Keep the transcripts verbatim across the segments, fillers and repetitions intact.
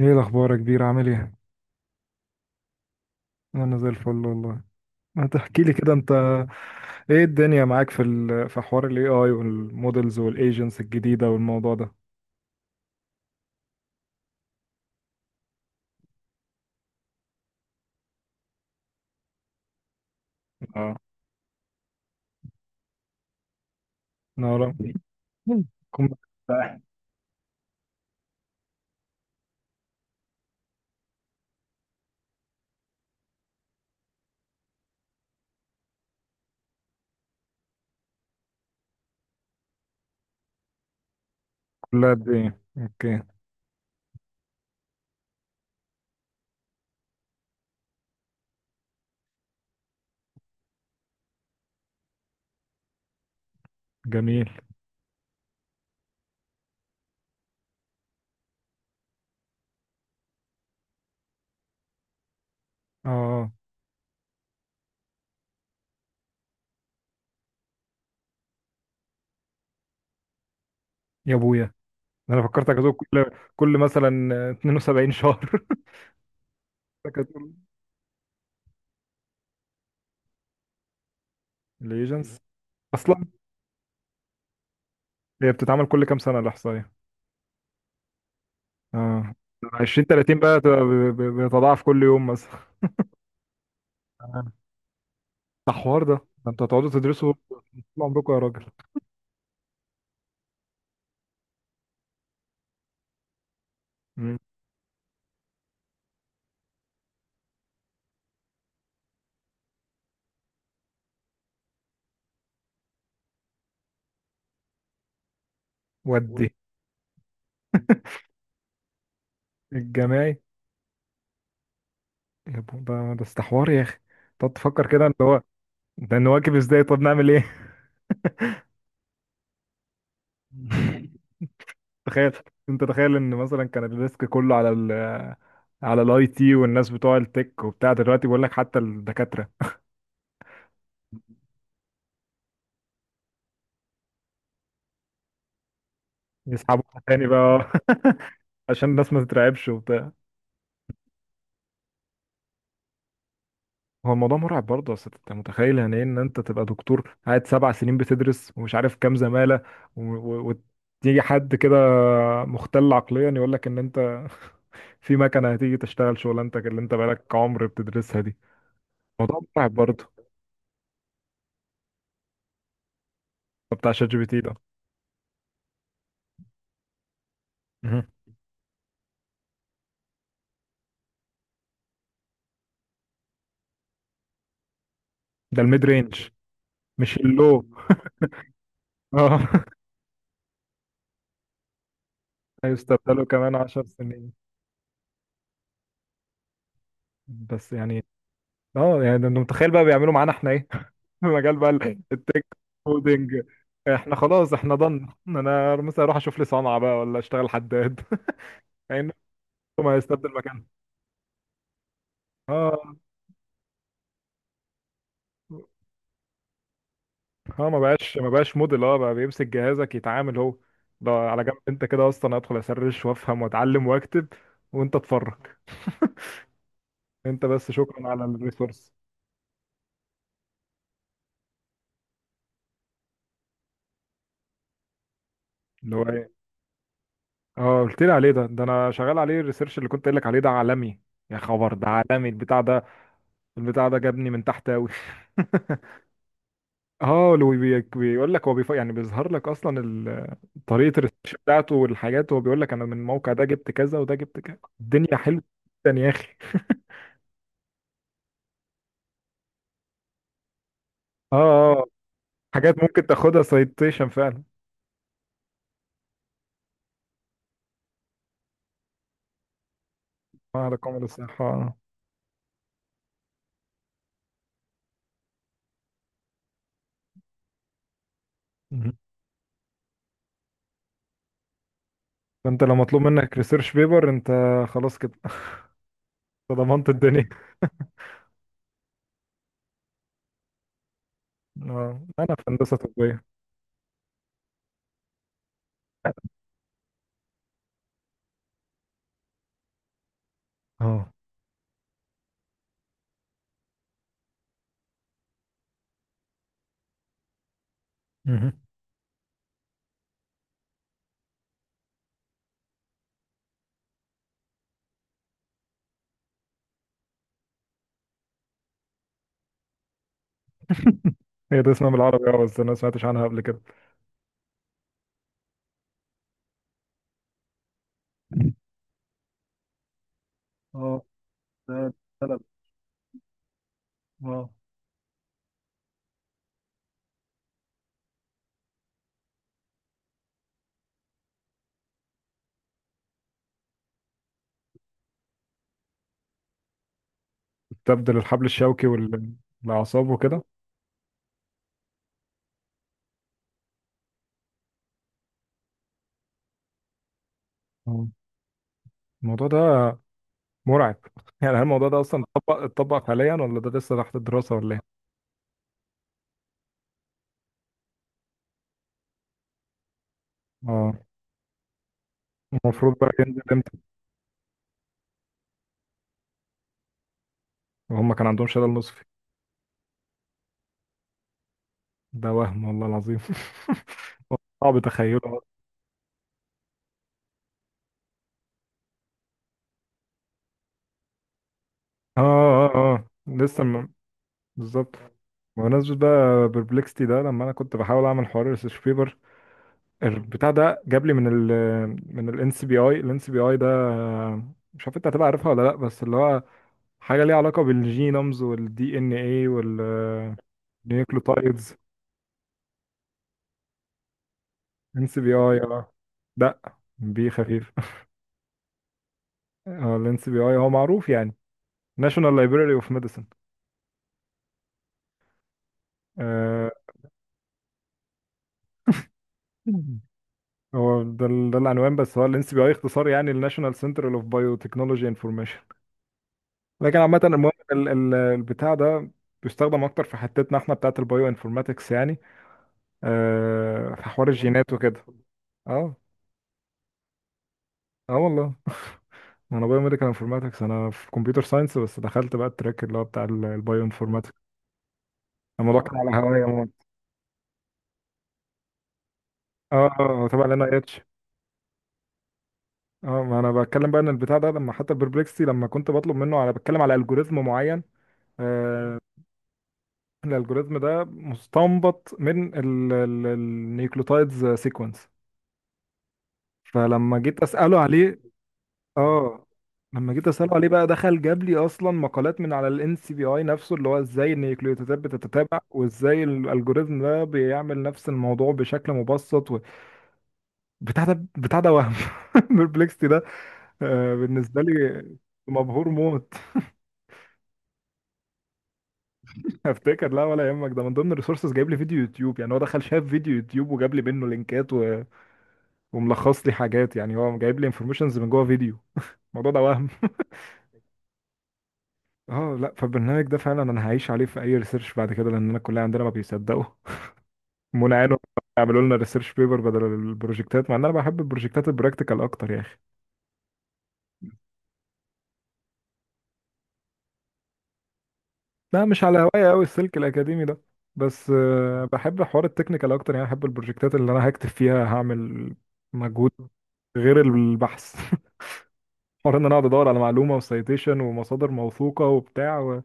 ايه الاخبار يا كبير؟ عامل ايه؟ انا زي الفل والله. ما تحكي لي كده انت، ايه الدنيا معاك في ال... في حوار الاي اي والمودلز والايجنتس الجديده والموضوع ده؟ اه، نعرف. كم- كلها قد ايه؟ اوكي. جميل. اه، يا ابويا انا فكرتك هتقول كل كل مثلا اثنين وسبعين شهر. فكرتك هتقول الايجنتس اصلا. هي بتتعمل كل كام سنه الاحصائيه؟ اه. عشرين تلاتين بقى؟ بتتضاعف كل يوم مثلا؟ ده حوار ده، ده انتوا هتقعدوا تدرسوا طول عمركم يا راجل. مم. ودي الجماعي. يا بو- ده ده استحوار يا اخي، تقعد تفكر كده اللي هو، ده نواكب ازاي؟ طب نعمل ايه؟ تخيل، انت تخيل ان مثلا كان الريسك كله على ال على الاي تي والناس بتوع التك وبتاع، دلوقتي بقول لك حتى الدكاترة يسحبوها تاني بقى عشان الناس ما تترعبش. هو الموضوع مرعب برضه، اصل انت متخيل يعني ايه ان انت تبقى دكتور قاعد سبع سنين بتدرس ومش عارف كام زمالة، و- و- وتيجي حد كده مختل عقليا يقول لك ان انت في مكنة هتيجي تشتغل شغلانتك اللي انت بقالك عمر بتدرسها دي. موضوع مرعب برضه. بتاع شات جي بي تي ده؟ مهم. ده الميد رينج، مش اللو. اه هيستبدلوا كمان عشر سنين؟ بس يعني، اه، يعني ده انت متخيل بقى بيعملوا معانا احنا ايه؟ مجال بقى ال- التك، كودينج. احنا خلاص، احنا ضن انا مثلا اروح اشوف لي صنعة بقى ولا اشتغل حداد يعني ما هيستبدل مكانها؟ اه. اه، ما بقاش ما بقاش موديل، اه بقى بيمسك جهازك يتعامل هو. ده على جنب، انت كده اصلا ادخل اسرش وافهم واتعلم واكتب وانت اتفرج، انت بس شكرا على الريسورس. اللي هو ايه؟ اه، قلت لي عليه ده، ده انا شغال عليه الريسيرش اللي كنت قايل لك عليه، ده عالمي. يا خبر، ده عالمي البتاع ده. البتاع ده جابني من تحت أوي اه، لو بي- بيقول لك هو بيف... يعني بيظهر لك اصلا ال- طريقه الريسيرش بتاعته والحاجات، هو بيقول لك انا من الموقع ده جبت كذا، وده جبت كذا. الدنيا حلوه جدا يا اخي اه اه، حاجات ممكن تاخدها سايتيشن فعلا. معهد قومي الصحه، آه، آه. مهم. فانت لو مطلوب منك ريسيرش بيبر، انت خلاص كده أنت ضمنت الدنيا. اه، انا في هندسه طبيه. اه. مهم. هي ده اسمها بالعربي، اه، بس انا ما سمعتش عنها قبل كده. اه، ده سلام، اه. تبدل الحبل الشوكي والأعصاب وكده. آه. الموضوع ده مرعب يعني هل الموضوع ده أصلا اتطبق، اتطبق حاليا ولا ده لسه تحت الدراسة ولا إيه؟ اه. المفروض بقى ينزل امتى؟ وهم كان عندهم شلل نصفي؟ ده وهم، والله العظيم. صعب تخيله، اه. اه اه اه، لسه م... بالظبط. بمناسبة بقى بربلكستي ده، لما انا كنت بحاول اعمل حوار ريسيرش بيبر، البتاع ده جاب لي من ال من الان سي بي اي. الان سي بي اي ده مش عارف انت هتبقى عارفها ولا لا، بس اللي هو حاجة ليها علاقة بالجينومز والدي ان اي والنيوكليوتايدز. ان سي بي اي، اه. لا، بي خفيف اه، الان سي بي اي هو معروف يعني، ناشونال لايبراري اوف ميديسن. آه. هو ده، ال- ده العنوان، بس هو الان سي بي اي اختصار يعني الناشونال سنتر اوف بايوتكنولوجي انفورميشن. لكن عامة، المهم ال- ال- البتاع ده بيستخدم اكتر في حتتنا احنا بتاعت البايو انفورماتكس يعني، آه، في حوار الجينات وكده. اه اه، والله انا بايو ميديكال انفورماتكس، انا في كمبيوتر ساينس بس دخلت بقى التراك اللي هو بتاع البايو انفورماتكس. الموضوع كان على هواية موت. اه اه، هو تبع ال إن آي إتش. اه، ما انا بتكلم بقى ان البتاع ده، لما حتى البربلكسي لما كنت بطلب منه، انا بتكلم على الجوريزم معين، آه. الالجوريزم ده مستنبط من النيوكليوتايدز سيكونس. فلما جيت اساله عليه، اه، لما جيت اساله عليه بقى دخل جاب لي اصلا مقالات من على الان سي بي اي نفسه، اللي هو ازاي النيوكليوتيدات بتتتابع وازاي الالجوريزم ده بيعمل نفس الموضوع بشكل مبسط و... بتاع ده بتاع ده وهم البربلكستي ده، آه، بالنسبه لي مبهور موت. افتكر، لا ولا يهمك، ده من ضمن الريسورسز جايب لي فيديو يوتيوب. يعني هو دخل شاف فيديو يوتيوب وجاب لي منه لينكات و... وملخص لي حاجات، يعني هو جايب لي انفورميشنز من جوه فيديو الموضوع ده وهم. اه لا، فالبرنامج ده فعلا انا هعيش عليه في اي ريسيرش بعد كده، لان انا الكليه عندنا ما بيصدقوا منى عينهم يعملوا لنا ريسيرش بيبر بدل البروجكتات، مع ان انا بحب البروجكتات البراكتيكال اكتر يا اخي. لا، مش على هوايه قوي السلك الاكاديمي ده، بس آه، بحب حوار التكنيكال اكتر، يعني بحب البروجكتات اللي انا هكتب فيها، هعمل مجهود غير البحث حوار ان انا اقعد ادور على معلومه وسايتيشن ومصادر موثوقه وبتاع،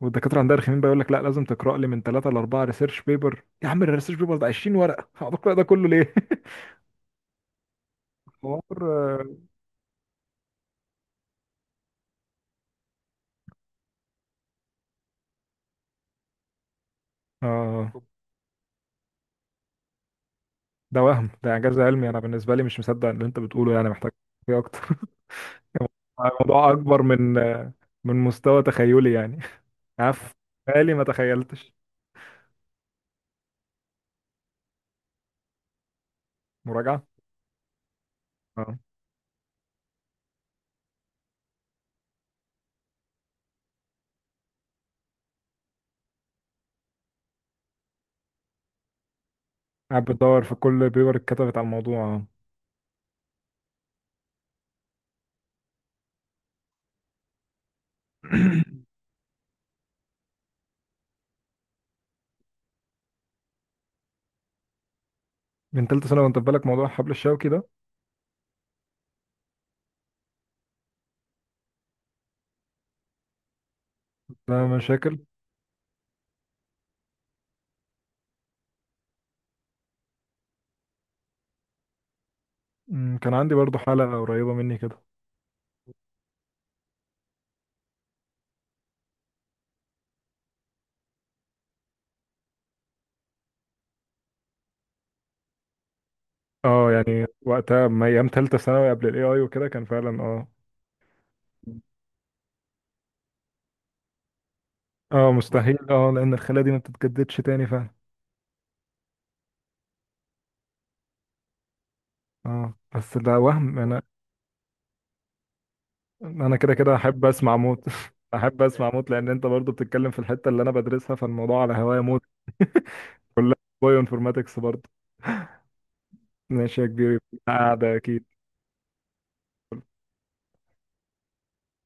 والدكاتره عندها رخمين بقى، يقول لك لا لازم تقرا لي من ثلاثه لاربعه ريسيرش بيبر. يا عم الريسيرش بيبر ده عشرين ورقه هقعد اقرا ده كله ليه؟ حوار، اه. ده وهم، ده انجاز علمي، انا بالنسبه لي مش مصدق اللي انت بتقوله، يعني محتاج فيه اكتر الموضوع اكبر من من مستوى تخيلي يعني عارف بالي ما تخيلتش. مراجعه، اه. قاعد بتدور في كل بيبر اتكتبت على الموضوع، آه. من ثالثه سنه وانت في بالك موضوع حبل الشوكي ده؟ ده مشاكل. أمم، كان عندي برضو حاله قريبه مني كده. اه يعني وقتها، ما ايام تالتة ثانوي قبل الاي اي وكده، كان فعلا اه. اه مستحيل، اه لان الخلايا دي ما بتتجددش تاني فعلا. اه، بس ده وهم انا. انا كده كده احب اسمع موت احب اسمع موت، لان انت برضو بتتكلم في الحتة اللي انا بدرسها فالموضوع على هوايا موت كلها بايو انفورماتكس برضو. ماشي يا كبير، قاعدة اكيد.